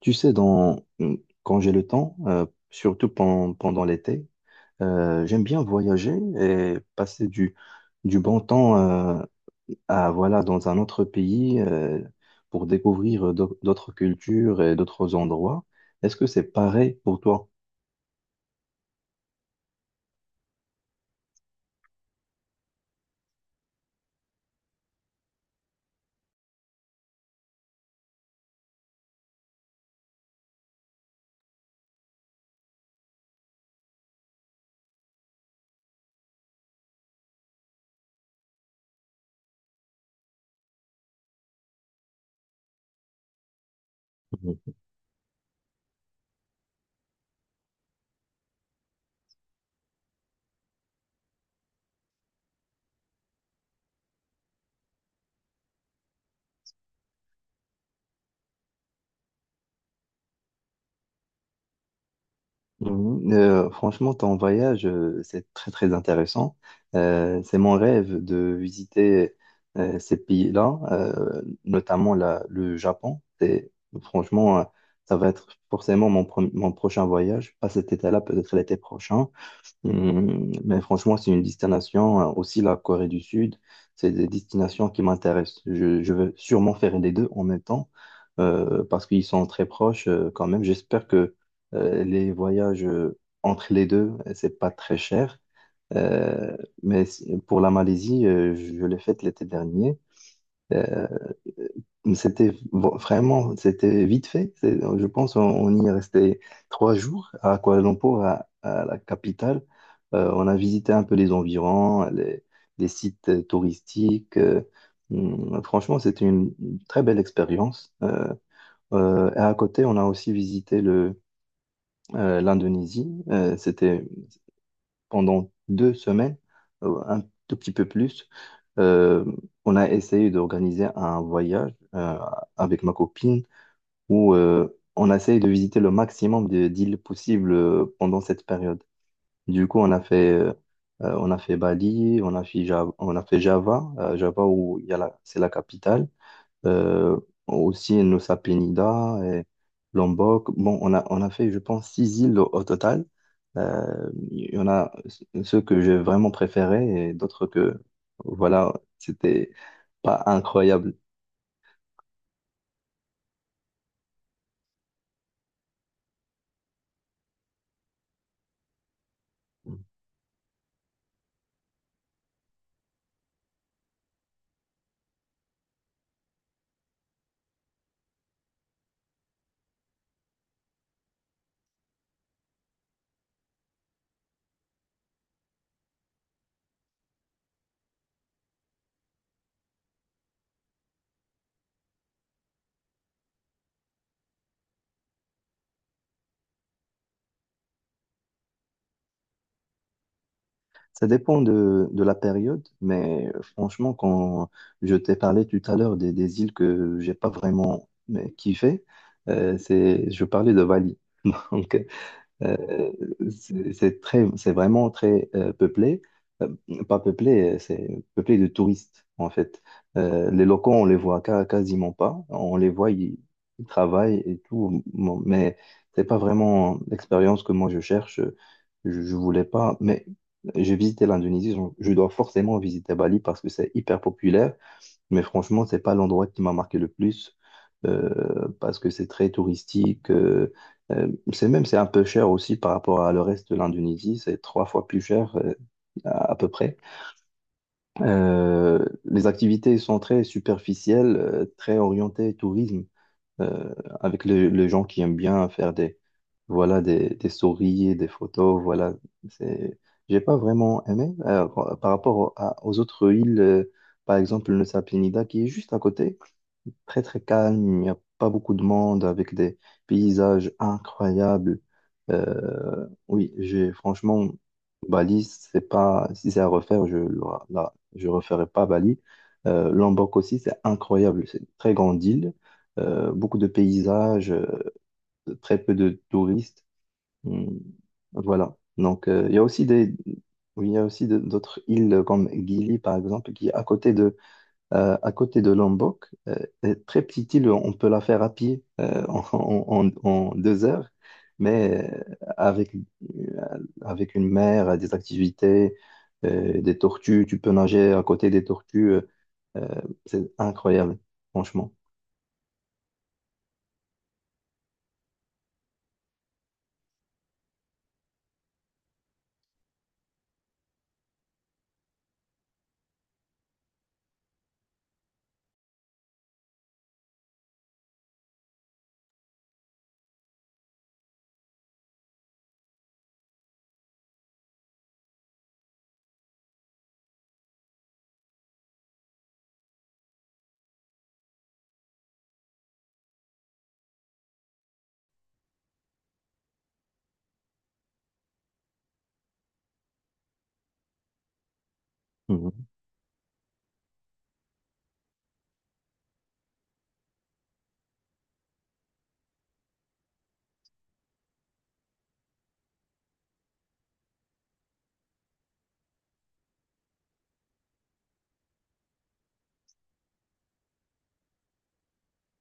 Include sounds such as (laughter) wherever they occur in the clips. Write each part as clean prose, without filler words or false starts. Tu sais, dans, quand j'ai le temps, surtout pendant l'été, j'aime bien voyager et passer du bon temps à, voilà, dans un autre pays pour découvrir d'autres cultures et d'autres endroits. Est-ce que c'est pareil pour toi? Mhm. Franchement, ton voyage, c'est très très intéressant. C'est mon rêve de visiter ces pays-là, notamment le Japon. Franchement, ça va être forcément mon prochain voyage, pas cet été-là, peut-être l'été prochain. Mais franchement, c'est une destination, hein, aussi la Corée du Sud, c'est des destinations qui m'intéressent. Je veux sûrement faire les deux en même temps parce qu'ils sont très proches quand même. J'espère que les voyages entre les deux, c'est pas très cher. Euh, mais pour la Malaisie, je l'ai faite l'été dernier. Euh, euh, C'était vraiment, c'était vite fait. Je pense on y est resté 3 jours à Kuala Lumpur, à la capitale. On a visité un peu les environs, les sites touristiques. Franchement, c'était une très belle expérience. Et à côté, on a aussi visité l'Indonésie. C'était pendant 2 semaines, un tout petit peu plus. Euh, on a essayé d'organiser un voyage avec ma copine où on essaye de visiter le maximum d'îles possibles pendant cette période. Du coup, on a fait Bali, on a fait Java, on a fait Java, Java où il y a la, c'est la capitale, euh, aussi Nusa Penida et Lombok. Bon, on a fait, je pense, 6 îles au total. Il y en a ceux que j'ai vraiment préférés et d'autres que, voilà, c'était pas incroyable. Ça dépend de la période, mais franchement, quand je t'ai parlé tout à l'heure des îles que j'ai pas vraiment kiffé, je parlais de Bali. (laughs) Donc, euh, c'est très, c'est vraiment très peuplé. Euh, Pas peuplé, c'est peuplé de touristes en fait. Les locaux, on les voit quasiment pas, on les voit, ils travaillent et tout. Bon, mais c'est pas vraiment l'expérience que moi je cherche. Je voulais pas, mais j'ai visité l'Indonésie, donc je dois forcément visiter Bali parce que c'est hyper populaire, mais franchement, c'est pas l'endroit qui m'a marqué le plus parce que c'est très touristique. Euh, c'est un peu cher aussi par rapport à le reste de l'Indonésie. C'est 3 fois plus cher à peu près. Les activités sont très superficielles, très orientées tourisme, euh, avec les gens qui aiment bien faire des voilà des stories, et des photos. Voilà, c'est J'ai pas vraiment aimé par rapport aux autres îles. Par exemple, le Nusa Penida qui est juste à côté. Très très calme, il n'y a pas beaucoup de monde avec des paysages incroyables. Oui, j'ai franchement Bali, c'est pas, si c'est à refaire, je referai pas Bali. Lombok aussi, c'est incroyable, c'est une très grande île, beaucoup de paysages, très peu de touristes. Hum, Voilà. Donc il y a aussi des Oui, il y a aussi d'autres îles comme Gili par exemple qui est à côté de Lombok. Est très petite île, on peut la faire à pied en 2 heures, mais avec une mer, des activités, des tortues, tu peux nager à côté des tortues. euh, c'est incroyable, franchement. Mhm,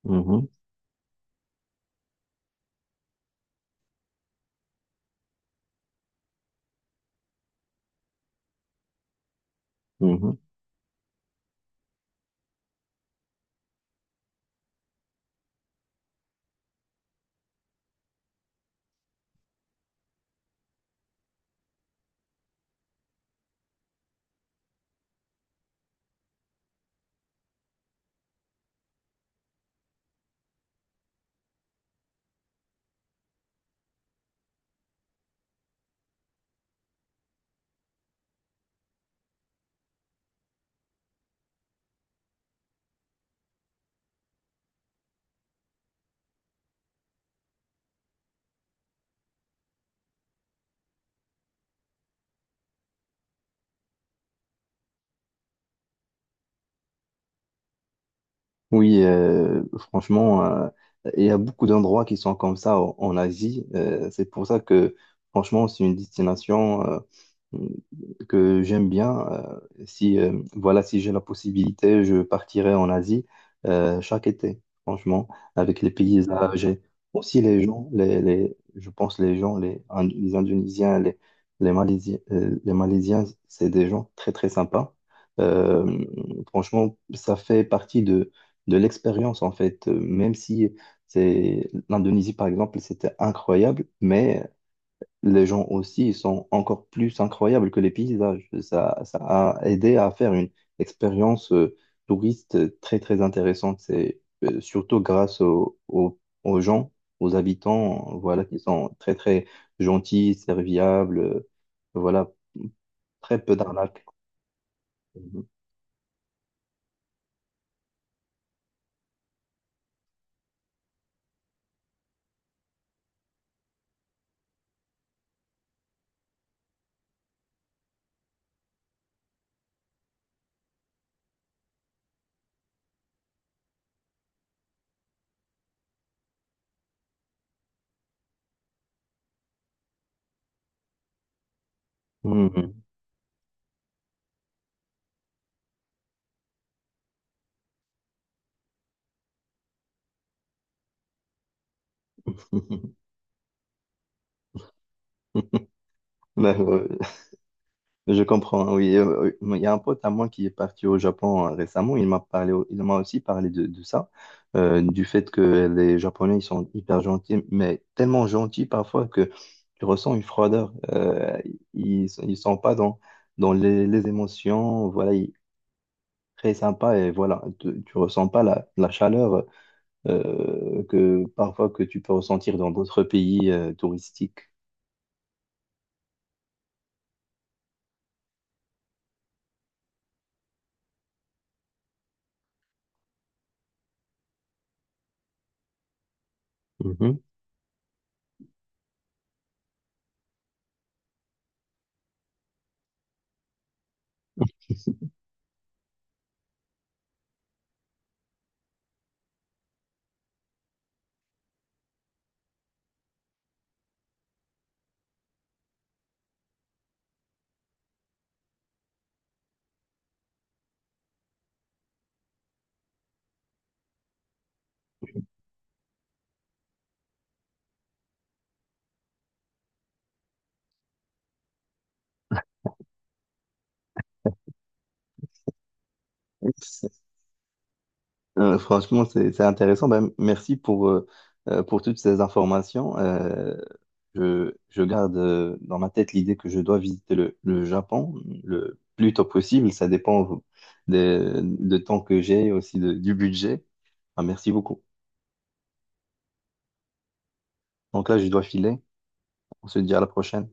mhm, mhm. Oui, franchement, il y a beaucoup d'endroits qui sont comme ça en Asie. C'est pour ça que, franchement, c'est une destination que j'aime bien. Si, voilà, si j'ai la possibilité, je partirai en Asie chaque été, franchement, avec les paysages et aussi les gens, je pense les gens, les Indonésiens, les Malaisiens, c'est des gens très, très sympas. Euh, Franchement, ça fait partie de l'expérience en fait. Même si c'est l'Indonésie par exemple, c'était incroyable, mais les gens aussi ils sont encore plus incroyables que les paysages. Ça a aidé à faire une expérience touriste très très intéressante. C'est surtout grâce aux gens, aux habitants, voilà, qui sont très très gentils, serviables, voilà, très peu d'arnaques. Mhm. Mhm. (laughs) Bah ouais. Je comprends, hein, oui. Il y a un pote à moi qui est parti au Japon récemment. Il m'a parlé, il m'a aussi parlé de ça, du fait que les Japonais, ils sont hyper gentils, mais tellement gentils parfois que tu ressens une froideur. Ils sont pas dans les émotions. Voilà, très sympa et voilà, tu ressens pas la chaleur que parfois que tu peux ressentir dans d'autres pays touristiques. Mhm. Franchement, c'est intéressant. Ben, merci pour toutes ces informations. Je garde dans ma tête l'idée que je dois visiter le Japon le plus tôt possible. Ça dépend de temps que j'ai et aussi du budget. Ben, merci beaucoup. Donc là, je dois filer. On se dit à la prochaine.